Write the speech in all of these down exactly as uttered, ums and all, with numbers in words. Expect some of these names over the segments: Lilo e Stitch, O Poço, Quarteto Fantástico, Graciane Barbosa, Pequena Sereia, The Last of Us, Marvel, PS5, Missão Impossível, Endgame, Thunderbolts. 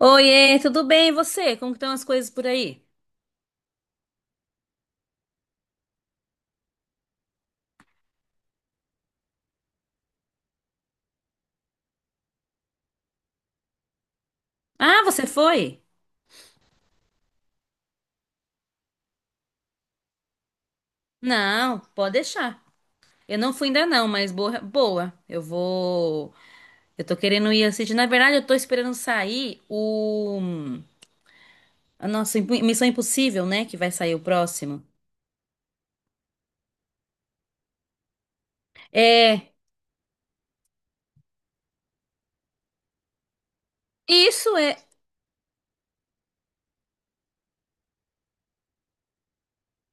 Oiê, tudo bem? E você? Como que estão as coisas por aí? Ah, você foi? Não, pode deixar. Eu não fui ainda não, mas boa, boa. Eu vou. Eu tô querendo ir assistir. Na verdade, eu tô esperando sair o a nossa Imp- Missão Impossível, né? Que vai sair o próximo. É, isso é.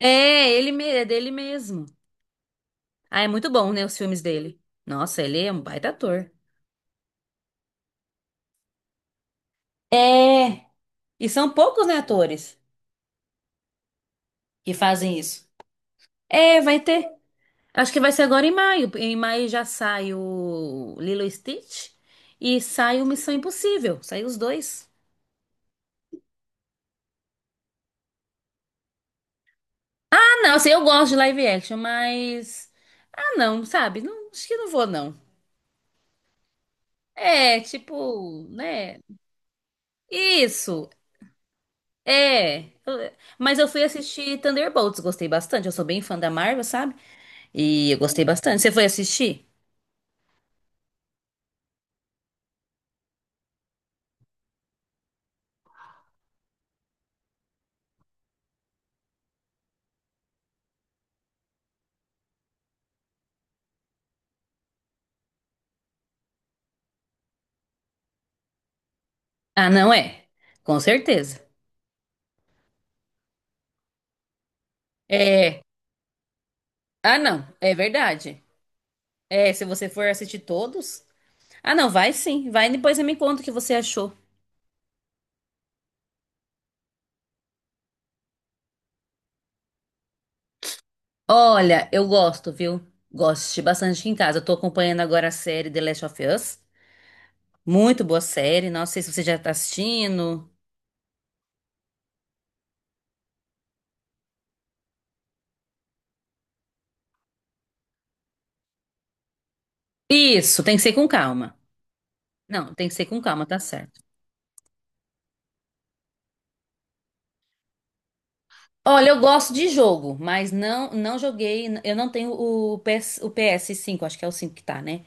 É, ele me- é dele mesmo. Ah, é muito bom, né? Os filmes dele. Nossa, ele é um baita ator. É. E são poucos, né, atores que fazem isso. É, vai ter. Acho que vai ser agora em maio. Em maio já sai o Lilo e Stitch e sai o Missão Impossível. Sai os dois. Ah, não, assim, eu gosto de live action, mas. Ah, não, sabe? Não, acho que não vou, não. É, tipo, né? Isso, é. Eu- Mas eu fui assistir Thunderbolts, gostei bastante. Eu sou bem fã da Marvel, sabe? E eu gostei bastante. Você foi assistir? Ah, não é? Com certeza. É. Ah, não, é verdade. É, se você for assistir todos. Ah, não, vai sim. Vai e depois você me conta o que você achou. Olha, eu gosto, viu? Gosto de assistir bastante aqui em casa. Eu tô acompanhando agora a série The Last of Us. Muito boa série. Não sei se você já tá assistindo. Isso, tem que ser com calma. Não, tem que ser com calma, tá certo. Olha, eu gosto de jogo, mas não não joguei. Eu não tenho o P S, o P S cinco. Acho que é o cinco que tá, né?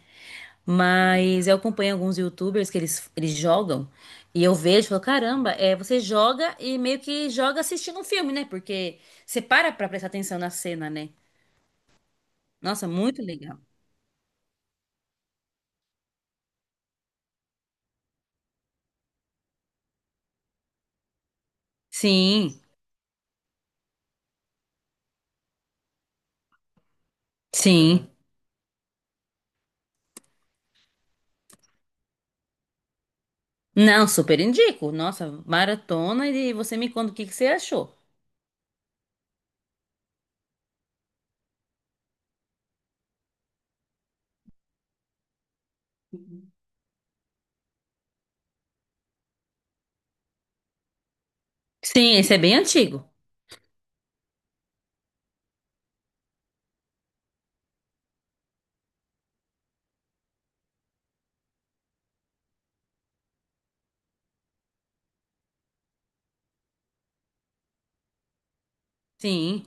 Mas eu acompanho alguns YouTubers que eles, eles jogam e eu vejo e falo, caramba, é, você joga e meio que joga assistindo um filme, né? Porque você para pra prestar atenção na cena, né? Nossa, muito legal. Sim, sim. Não, super indico. Nossa, maratona e você me conta o que que você achou. Sim, esse é bem antigo. Sim.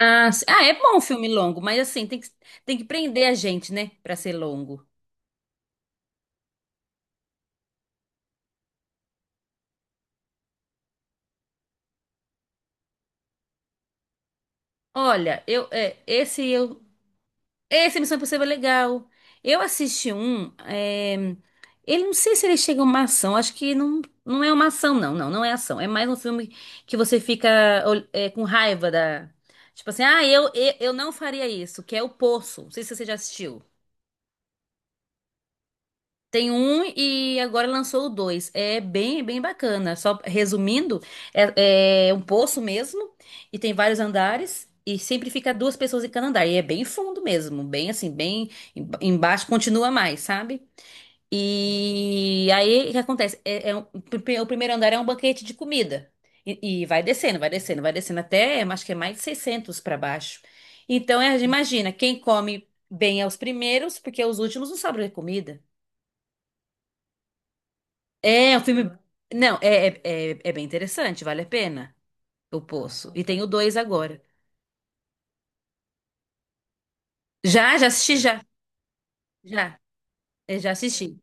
Ah, s- ah, é bom um filme longo, mas assim, tem que, tem que prender a gente, né? Pra ser longo. Olha, eu, é, esse eu Esse Missão Impossível é legal. Eu assisti um. É, Ele Não sei se ele chega a uma ação. Acho que não, não é uma ação, não. Não, não é ação. É mais um filme que você fica ol- é, com raiva da. Tipo assim, ah, eu, eu, eu não faria isso, que é o Poço. Não sei se você já assistiu. Tem um e agora lançou o dois. É bem, bem bacana. Só resumindo, é, é um poço mesmo e tem vários andares e sempre fica duas pessoas em cada andar. E é bem fundo mesmo, bem assim, bem em- embaixo, continua mais, sabe? E aí o que acontece? É, é um- o primeiro andar é um banquete de comida. E, e vai descendo, vai descendo, vai descendo até, acho que é mais de seiscentos para baixo. Então, é, imagina, quem come bem é os primeiros, porque os últimos não sobram comida. É é um filme. Não, é, é, é, é bem interessante, vale a pena. O Poço. E tem o dois agora. Já, já assisti já. Já. Eu já assisti.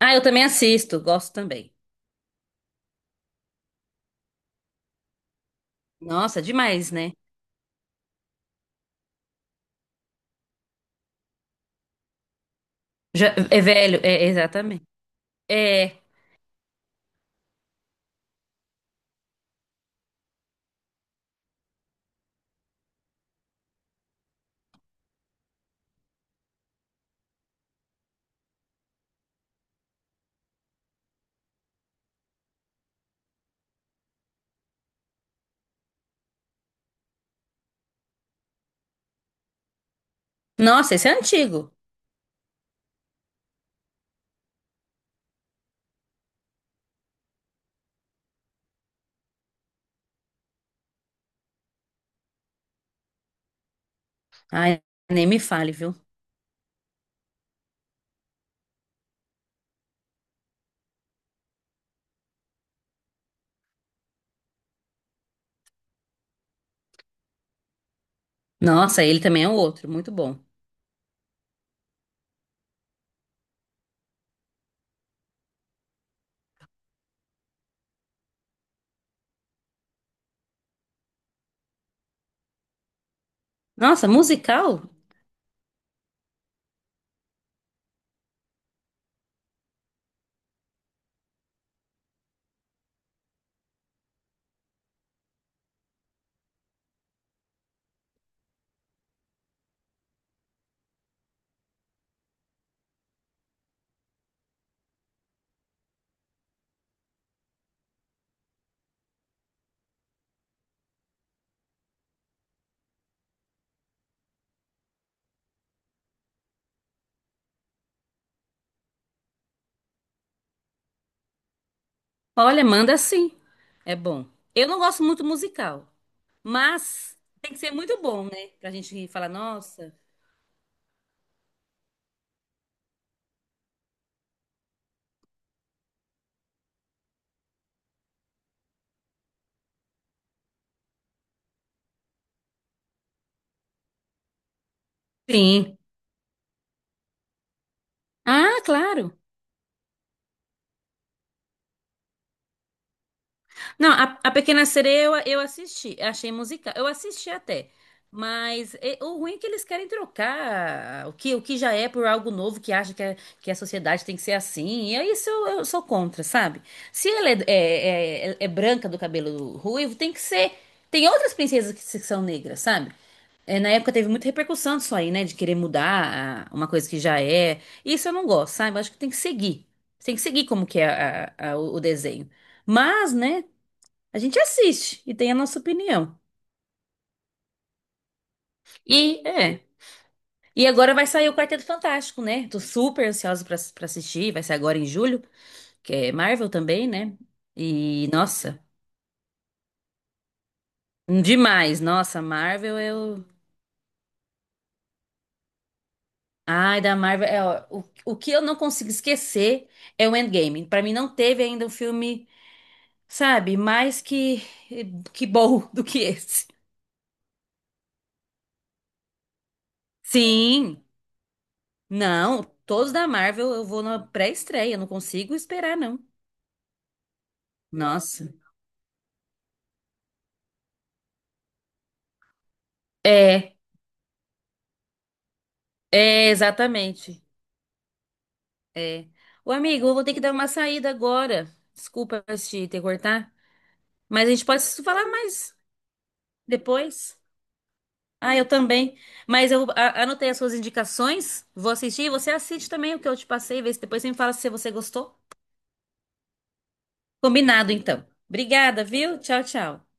Ah, eu também assisto, gosto também. Nossa, demais, né? Já, é velho, é, exatamente. É. Nossa, esse é antigo. Ai, nem me fale, viu? Nossa, ele também é um outro, muito bom. Nossa, musical? Olha, manda sim. É bom. Eu não gosto muito musical, mas tem que ser muito bom, né? Pra gente falar, nossa. Sim. Ah, claro. Não, a, a Pequena Sereia eu, eu assisti, achei musical. Eu assisti até, mas é- o ruim é que eles querem trocar o que, o que, já é por algo novo que acha que, é- que a sociedade tem que ser assim. E aí isso eu, eu sou contra, sabe? Se ela é, é, é- é é branca do cabelo ruivo, tem que ser. Tem outras princesas que se- são negras, sabe? É, na época teve muita repercussão disso aí, né? De querer mudar a- uma coisa que já é. Isso eu não gosto, sabe? Eu acho que tem que seguir. Tem que seguir como que é a- a- o o desenho. Mas, né? A gente assiste e tem a nossa opinião. E é. E agora vai sair o Quarteto Fantástico, né? Tô super ansiosa pra, pra assistir. Vai ser agora em julho, que é Marvel também, né? E, nossa, demais. Nossa, Marvel eu. Ai, da Marvel. É, ó, o, o que eu não consigo esquecer é o Endgame. Pra mim não teve ainda um filme. Sabe? Mais que que bom do que esse. Sim, não, todos da Marvel eu vou na pré-estreia, não consigo esperar não. Nossa. É, é exatamente. É. Ô amigo, eu vou ter que dar uma saída agora. Desculpa te ter cortar, mas a gente pode falar mais depois. Ah, eu também. Mas eu a- anotei as suas indicações, vou assistir e você assiste também o que eu te passei, vê se depois você me fala se você gostou. Combinado, então. Obrigada, viu? Tchau, tchau.